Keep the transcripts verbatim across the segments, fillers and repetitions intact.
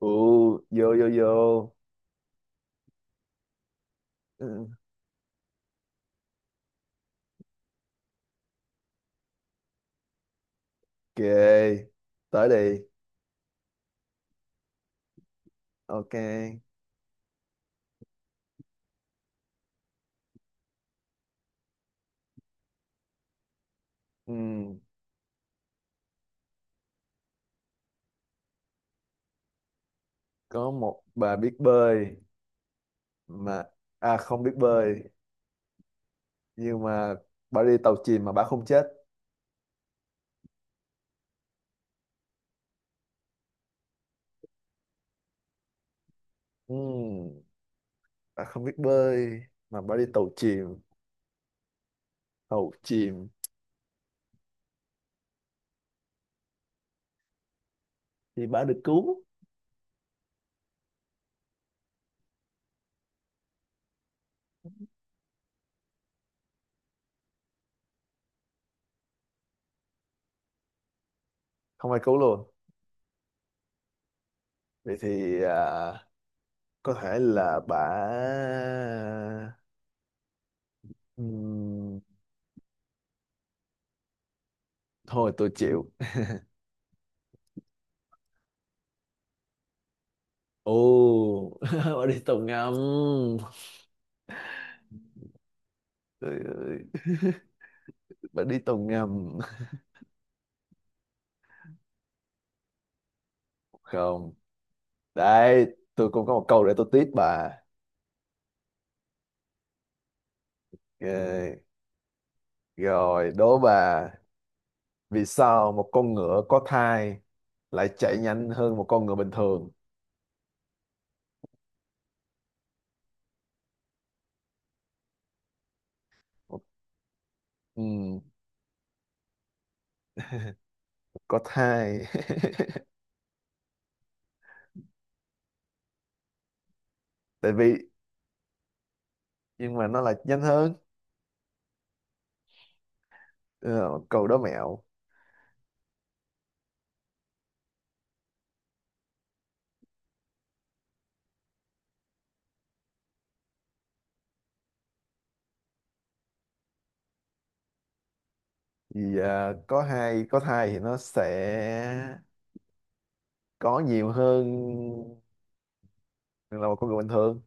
Ừ, vô vô vô. Ừ, ok, tới đi. Ok. Ừ, có một bà biết bơi mà à không biết bơi, nhưng mà bà đi tàu chìm mà bà không chết. Ừ, bà không biết bơi mà bà đi tàu chìm, tàu chìm thì bà được cứu, không ai cứu luôn. Vậy thì à, có thể là bà, ừ, thôi tôi chịu. Ồ, bà đi tàu ngầm. Trời ơi, bà đi tàu ngầm. Không, đấy tôi cũng có một câu để tôi tiếp bà. Ok. Rồi đố bà: vì sao một con ngựa có thai lại chạy nhanh hơn một con ngựa bình thường? Ừ, có thai. Tại vì, nhưng mà nó lại nhanh hơn. Ờ, câu đố mẹo. Vì à, có hai có thai thì nó sẽ có nhiều hơn là một con người bình thường,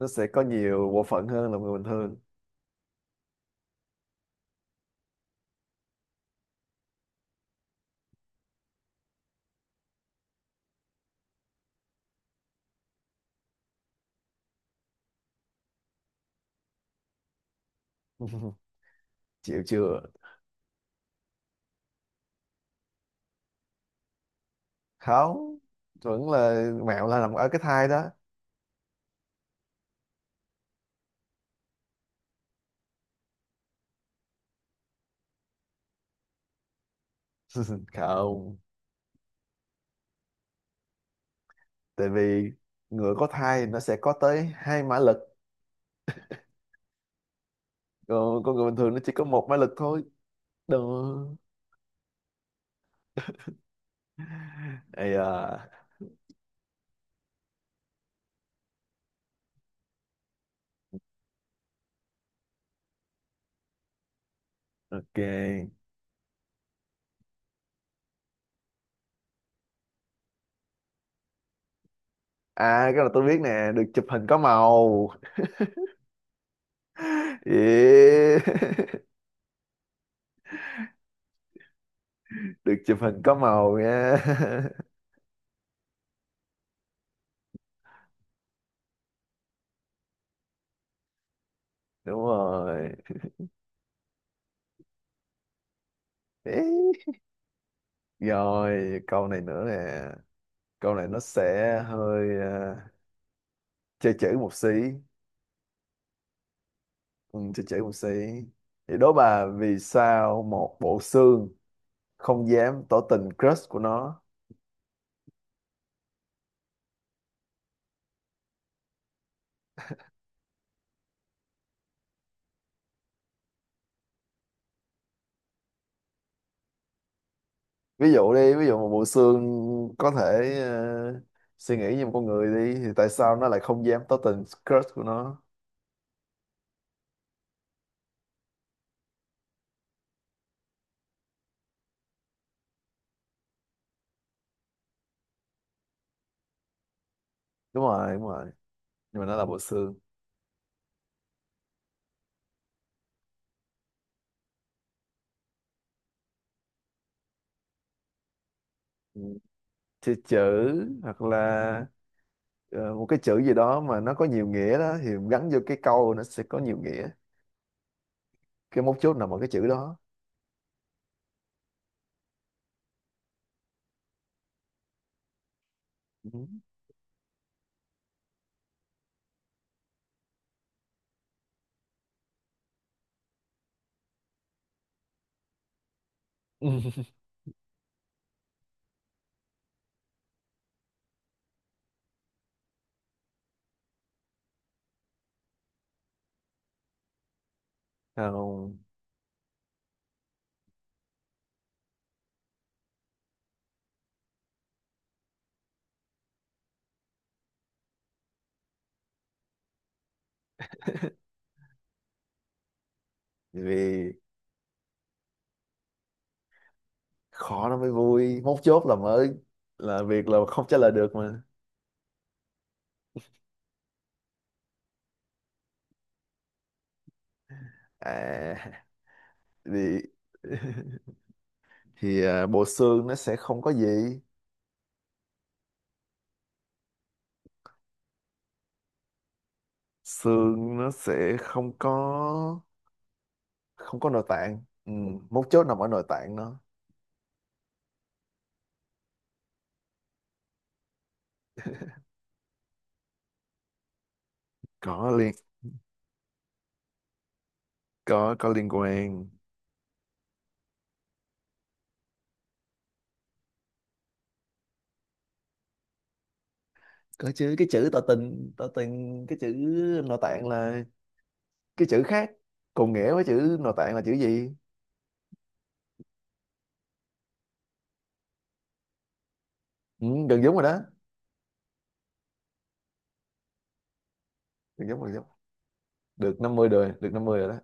nó sẽ có nhiều bộ phận hơn là một người bình thường. Chịu chưa? Không. Thuận là mẹo là nằm ở cái thai đó. Không, tại vì người có thai nó sẽ có tới hai mã lực, còn con người bình thường nó chỉ có một mã lực thôi đó. Ây da, ok. À, cái là tôi biết nè: được chụp hình có màu. Yeah. Được chụp hình có màu nha. Đúng rồi. Ý. Rồi câu này nữa nè, câu này nó sẽ hơi ờ, chơi chữ một xí. Ừ, chị chỉ một xí, thì đố bà: vì sao một bộ xương không dám tỏ tình crush của nó? Ví dụ đi, ví dụ một bộ xương có thể ờ, suy nghĩ như một con người đi, thì tại sao nó lại không dám tỏ tình crush của nó? Đúng rồi, đúng rồi, nhưng mà nó là bộ xương. Ừ. Chữ, chữ, hoặc là ờ, một cái chữ gì đó mà nó có nhiều nghĩa đó, thì gắn vô cái câu nó sẽ có nhiều nghĩa. Cái mấu chốt nằm ở cái chữ đó. Ừ. Không, vì khó nó mới vui, mốt chốt là mới là việc là không trả lời được mà. À thì thì à, Bộ xương nó sẽ không có gì. Xương nó sẽ không có không có nội tạng. Ừ. Mấu chốt nằm ở nội tạng nó. Có liên có có liên quan. Có chứ, cái chữ tỏ tình, tỏ tình, cái chữ nội tạng là cái chữ khác. Cùng nghĩa với chữ nội tạng là chữ gì? Ừ, gần giống rồi đó, gần giống gần giống, được năm mươi rồi, được năm mươi rồi đó.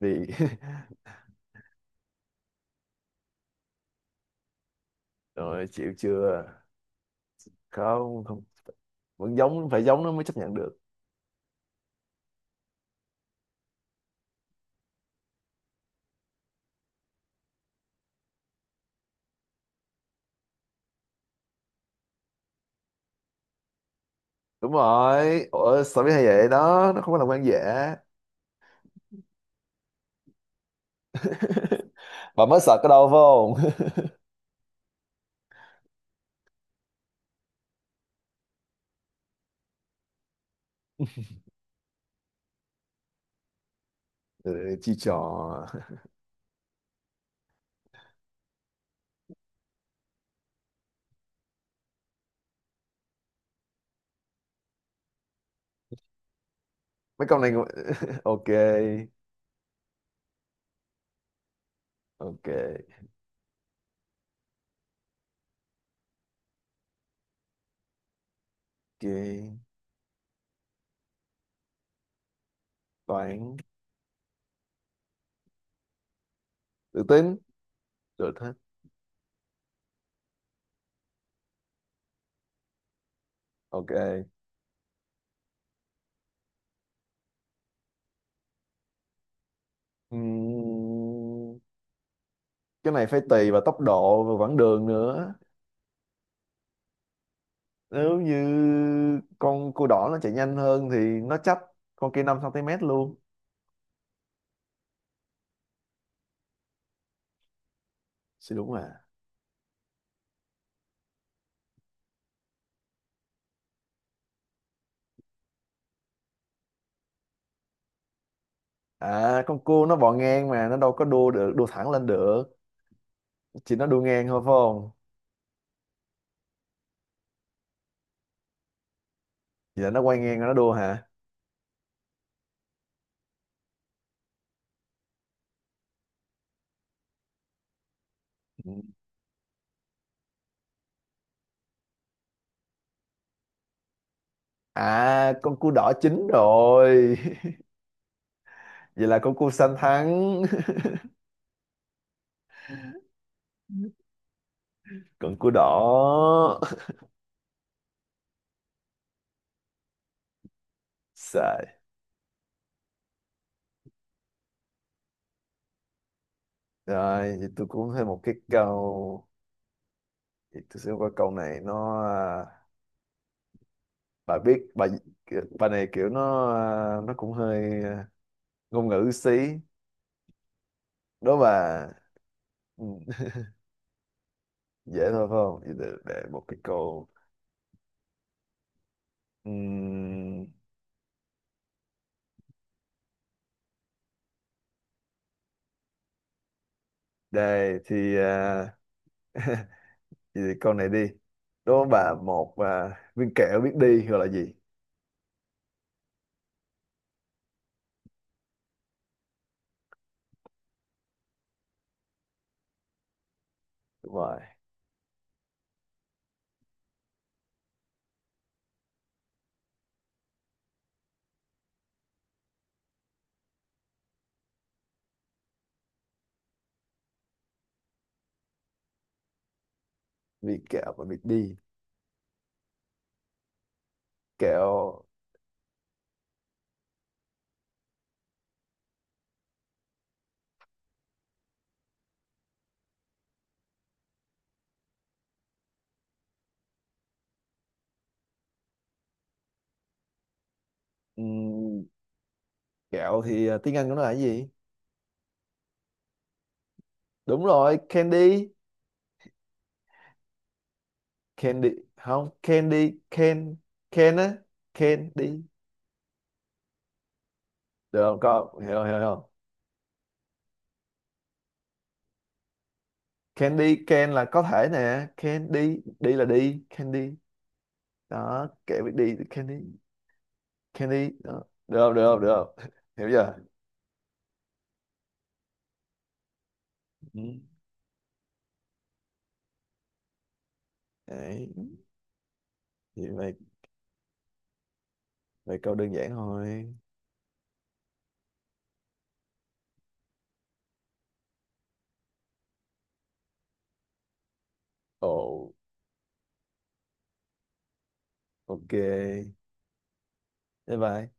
vì Rồi, chịu chưa? Không, không, vẫn giống, phải giống nó mới chấp nhận được. Đúng rồi, ủa sao biết hay vậy đó, nó không phải là quan dễ. Bà mới sợ cái đâu phải không? ừ, chi trò mấy câu này. Ok, ok, ok. Toán. Tự tin. Được hết. Ok. Ừm, cái này phải tùy vào tốc độ và quãng đường nữa. Nếu như con cua đỏ nó chạy nhanh hơn thì nó chấp con kia năm xăng ti mét luôn, sẽ đúng à? À, con cua nó bò ngang mà nó đâu có đua được, đua thẳng lên được, chỉ nó đua ngang thôi phải không? Vậy là nó quay ngang rồi nó đua hả? Ừ. À, con cua đỏ chín rồi. Vậy là con cua xanh thắng. Con cua đỏ. Xài. Rồi vậy tôi cũng thêm một cái câu, vậy tôi sẽ qua câu này nó à, bà biết bà bà này kiểu nó à, nó cũng hơi à, ngôn ngữ xí, đó bà. Ừ. Dễ thôi phải không, vậy để, để một cái câu. Ừm, đây thì à, thì con này đi, đúng bà một à, viên kẹo biết đi gọi là gì? Đúng rồi, viên kẹo mà biết đi. Kẹo. Ừm, kẹo thì à, tiếng Anh của nó là cái gì? Đúng rồi, candy. Candy không, candy can, can á, candy. Được không, con hiểu hiểu không? Candy can là có thể nè, candy đi là đi candy, đó kẹo biết đi candy. Candy đó. Được không? Được không? Được không? Hiểu chưa? Ừ. Đấy. Vậy, mày mày câu đơn giản thôi. Ồ, ok. Bye bye.